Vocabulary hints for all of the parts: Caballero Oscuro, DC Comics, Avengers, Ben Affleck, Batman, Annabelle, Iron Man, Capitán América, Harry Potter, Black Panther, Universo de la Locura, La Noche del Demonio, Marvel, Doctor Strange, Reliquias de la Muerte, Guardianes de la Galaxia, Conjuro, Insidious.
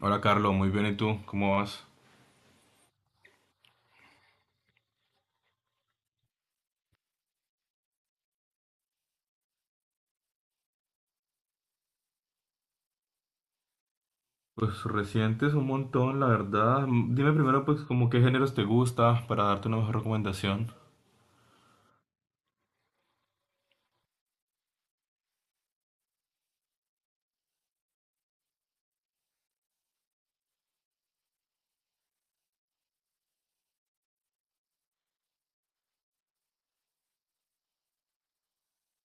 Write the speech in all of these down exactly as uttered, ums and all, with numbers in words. Hola Carlos, muy bien. ¿Y tú? ¿Cómo vas? Pues recientes un montón, la verdad. Mm, Dime primero pues como qué géneros te gusta para darte una mejor recomendación.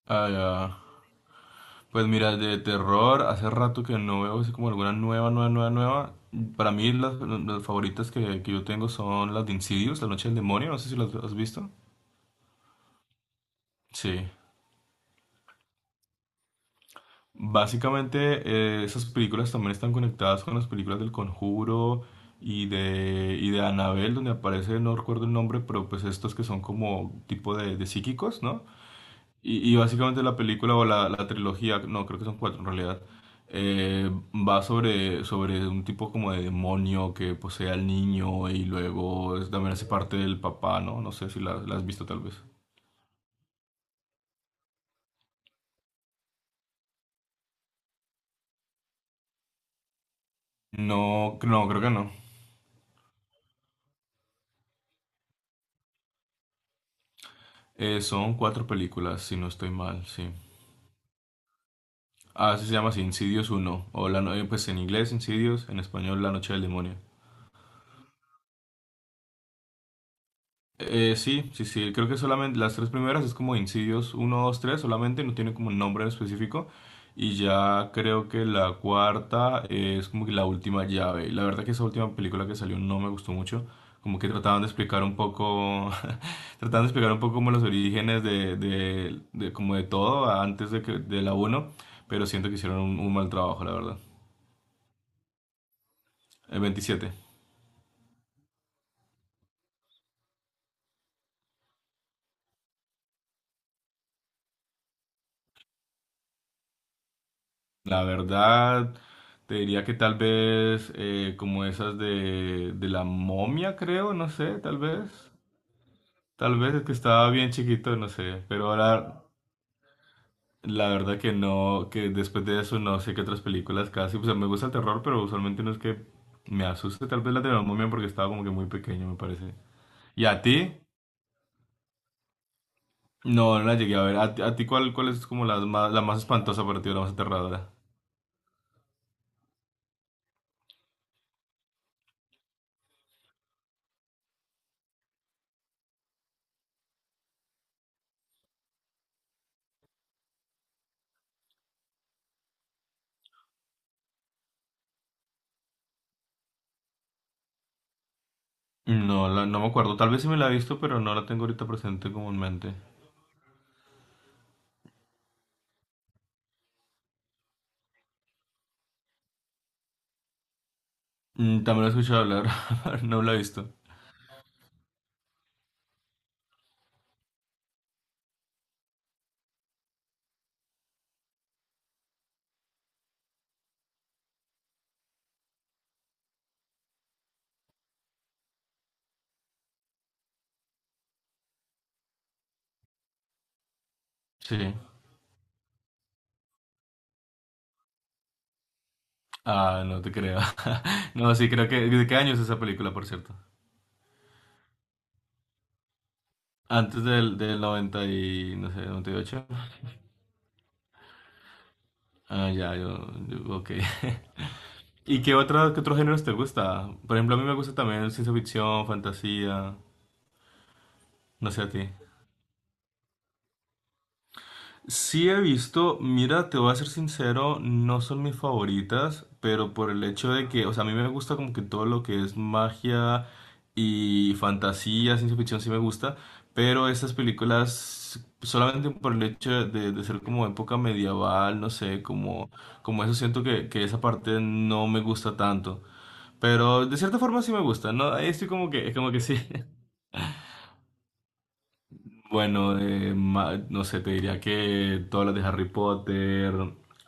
Ah, ya. Pues mira, de terror, hace rato que no veo así como alguna nueva, nueva, nueva, nueva. Para mí las, las favoritas que, que yo tengo son las de Insidious, La Noche del Demonio, no sé si las has visto. Sí. Básicamente, eh, esas películas también están conectadas con las películas del Conjuro y de, y de Annabelle, donde aparece, no recuerdo el nombre, pero pues estos que son como tipo de, de psíquicos, ¿no? Y, y básicamente la película o la, la trilogía, no, creo que son cuatro en realidad, eh, va sobre, sobre un tipo como de demonio que posee al niño y luego es- también hace parte del papá, ¿no? No sé si la, la has visto tal vez. No, no, creo que no. Eh, son cuatro películas, si no estoy mal, sí. Ah, eso se llama así, Insidious uno. O la no- eh, pues en inglés Insidious, en español La Noche del Demonio. Eh, sí, sí, sí, creo que solamente las tres primeras es como Insidious uno dos tres, solamente no tiene como un nombre en específico. Y ya creo que la cuarta es como que la última llave. La verdad que esa última película que salió no me gustó mucho. Como que trataban de explicar un poco, trataban de explicar un poco como los orígenes de, de, de como de todo antes de, que, de la uno, pero siento que hicieron un, un mal trabajo, la verdad. El veintisiete. La verdad, te diría que tal vez eh, como esas de, de la momia, creo, no sé, tal vez. Tal vez es que estaba bien chiquito, no sé. Pero ahora, la verdad que no, que después de eso no sé qué otras películas casi. O sea, me gusta el terror, pero usualmente no es que me asuste. Tal vez la de la momia porque estaba como que muy pequeño, me parece. ¿Y a ti? No, no la llegué a ver. ¿A ti, a ti cuál, cuál es como la más, la más espantosa para ti o la más aterradora? No, la- no me acuerdo. Tal vez sí me la he visto, pero no la tengo ahorita presente como en mente. Mm, También lo he escuchado hablar, no lo he visto. Sí. Ah, no te creo. No, sí, creo que... ¿De qué año es esa película, por cierto? Antes del, del noventa y... no sé, noventa y ocho. Ah, ya, yo... yo- ok. ¿Y qué, otra, qué otros géneros te gusta? Por ejemplo, a mí me gusta también ciencia ficción, fantasía, no sé a ti. Sí he visto, mira, te voy a ser sincero, no son mis favoritas, pero por el hecho de que, o sea, a mí me gusta como que todo lo que es magia y fantasía, ciencia ficción sí me gusta, pero estas películas solamente por el hecho de, de ser como época medieval, no sé, como, como eso siento que, que esa parte no me gusta tanto, pero de cierta forma sí me gusta, ¿no? Ahí estoy como que, como que sí. Bueno, eh, ma- no sé, te diría que todas las de Harry Potter.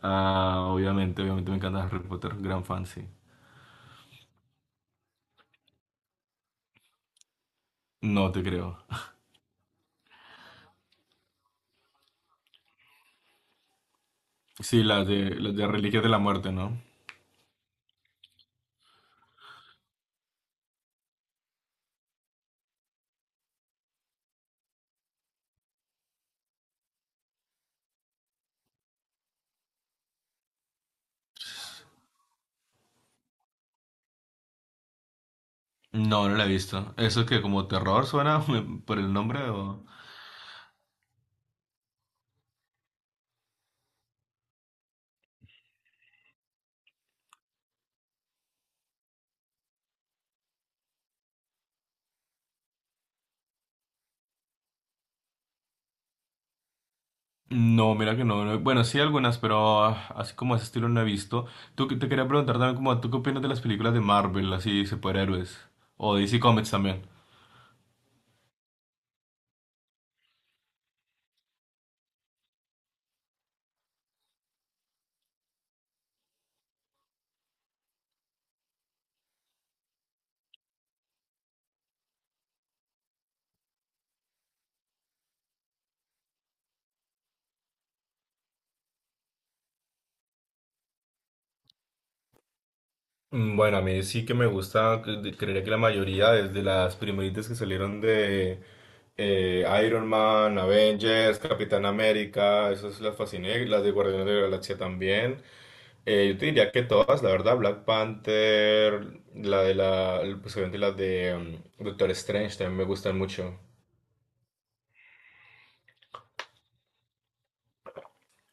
Ah, obviamente, obviamente me encanta Harry Potter, gran fan, sí. No te creo. Sí, las de, las de Reliquias de la Muerte, ¿no? No, no la he visto. ¿Eso es que como terror suena por el nombre o...? No, mira que no. no- Bueno, sí algunas, pero ah, así como ese estilo no he visto. Tú que- te quería preguntar también como, ¿tú qué opinas de las películas de Marvel, así, superhéroes? O D C Comics también. Mm, Bueno, a mí sí que me gusta, cre- creería que la mayoría, desde las primeritas que salieron de eh, Iron Man, Avengers, Capitán América, esas las fasciné, las de Guardianes de la Galaxia también. Eh, yo te diría que todas, la verdad, Black Panther, la de la, pues obviamente las de mm, Doctor Strange también me gustan mucho.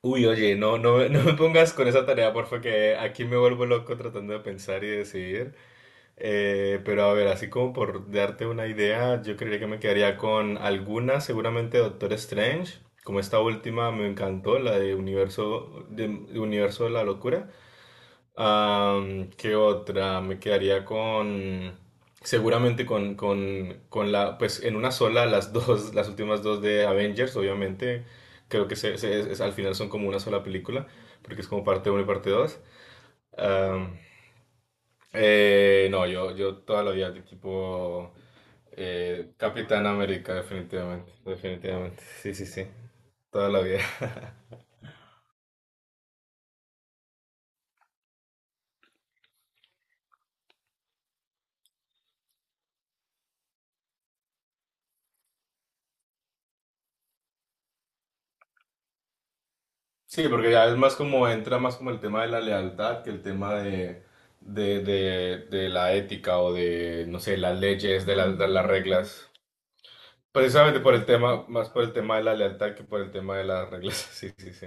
Uy, oye, no, no, me- no me pongas con esa tarea, porfa, que aquí me vuelvo loco tratando de pensar y decidir. Eh, pero a ver, así como por darte una idea, yo creería que me quedaría con alguna, seguramente Doctor Strange, como esta última me encantó, la de Universo de, de Universo de la Locura. Am, ¿qué otra? Me quedaría con, seguramente con, con, con la, pues en una sola las dos, las últimas dos de Avengers, obviamente, creo que se- se- es- al final son como una sola película, porque es como parte uno y parte dos. Eh, no, yo, yo toda la vida de tipo eh, Capitán América, definitivamente, definitivamente, sí, sí, sí, toda la vida. Sí, porque ya es más como, entra más como el tema de la lealtad que el tema de, de, de, de la ética o de, no sé, las leyes, de, las de las reglas. Precisamente por el tema, más por el tema de la lealtad que por el tema de las reglas, sí, sí, sí.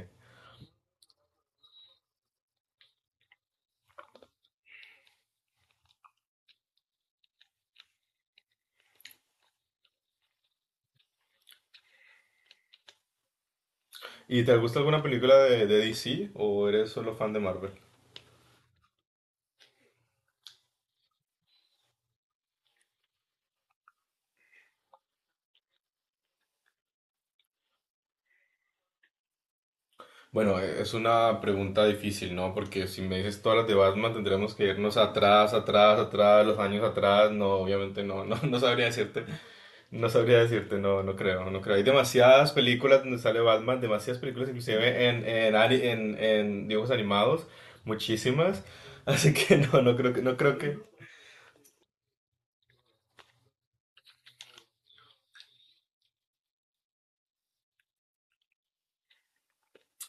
¿Y te gusta alguna película de, de D C o eres solo fan de Marvel? Bueno, eh, es una pregunta difícil, ¿no? Porque si me dices todas las de Batman, tendremos que irnos atrás, atrás, atrás, los años atrás. No, obviamente no, no, no sabría decirte, no sabría decirte, no, no creo, no creo. Hay demasiadas películas donde sale Batman, demasiadas películas, inclusive en, en, ani- en, en dibujos animados, muchísimas. Así que no, no creo que, no creo que.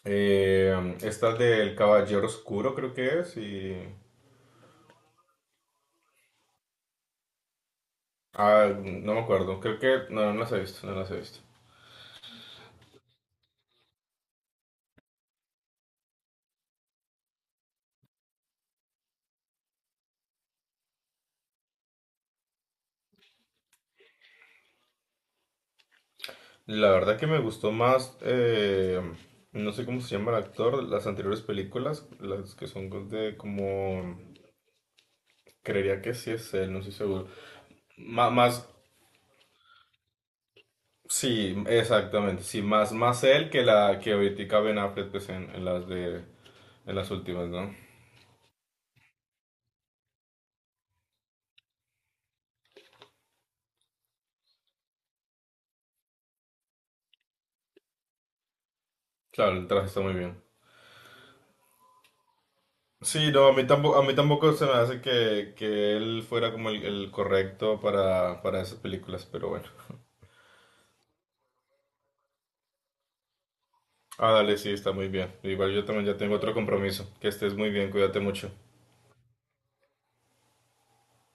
Eh, esta del Caballero Oscuro, creo que es, y. Ah, no me acuerdo, creo que. No, no las he visto, no las he visto. La verdad que me gustó más, eh, no sé cómo se llama el actor, las anteriores películas, las que son de como, creería que sí es él, no estoy seguro. Má- más, sí, exactamente, sí, más, más él que la que ahorita Ben Affleck pues, en, en las de, en las últimas, ¿no? Claro, el traje está muy bien. Sí, no, a mí tampoco, a mí tampoco se me hace que, que él fuera como el, el correcto para, para esas películas, pero bueno. Ah, dale, sí, está muy bien. Igual yo también ya tengo otro compromiso. Que estés muy bien, cuídate mucho.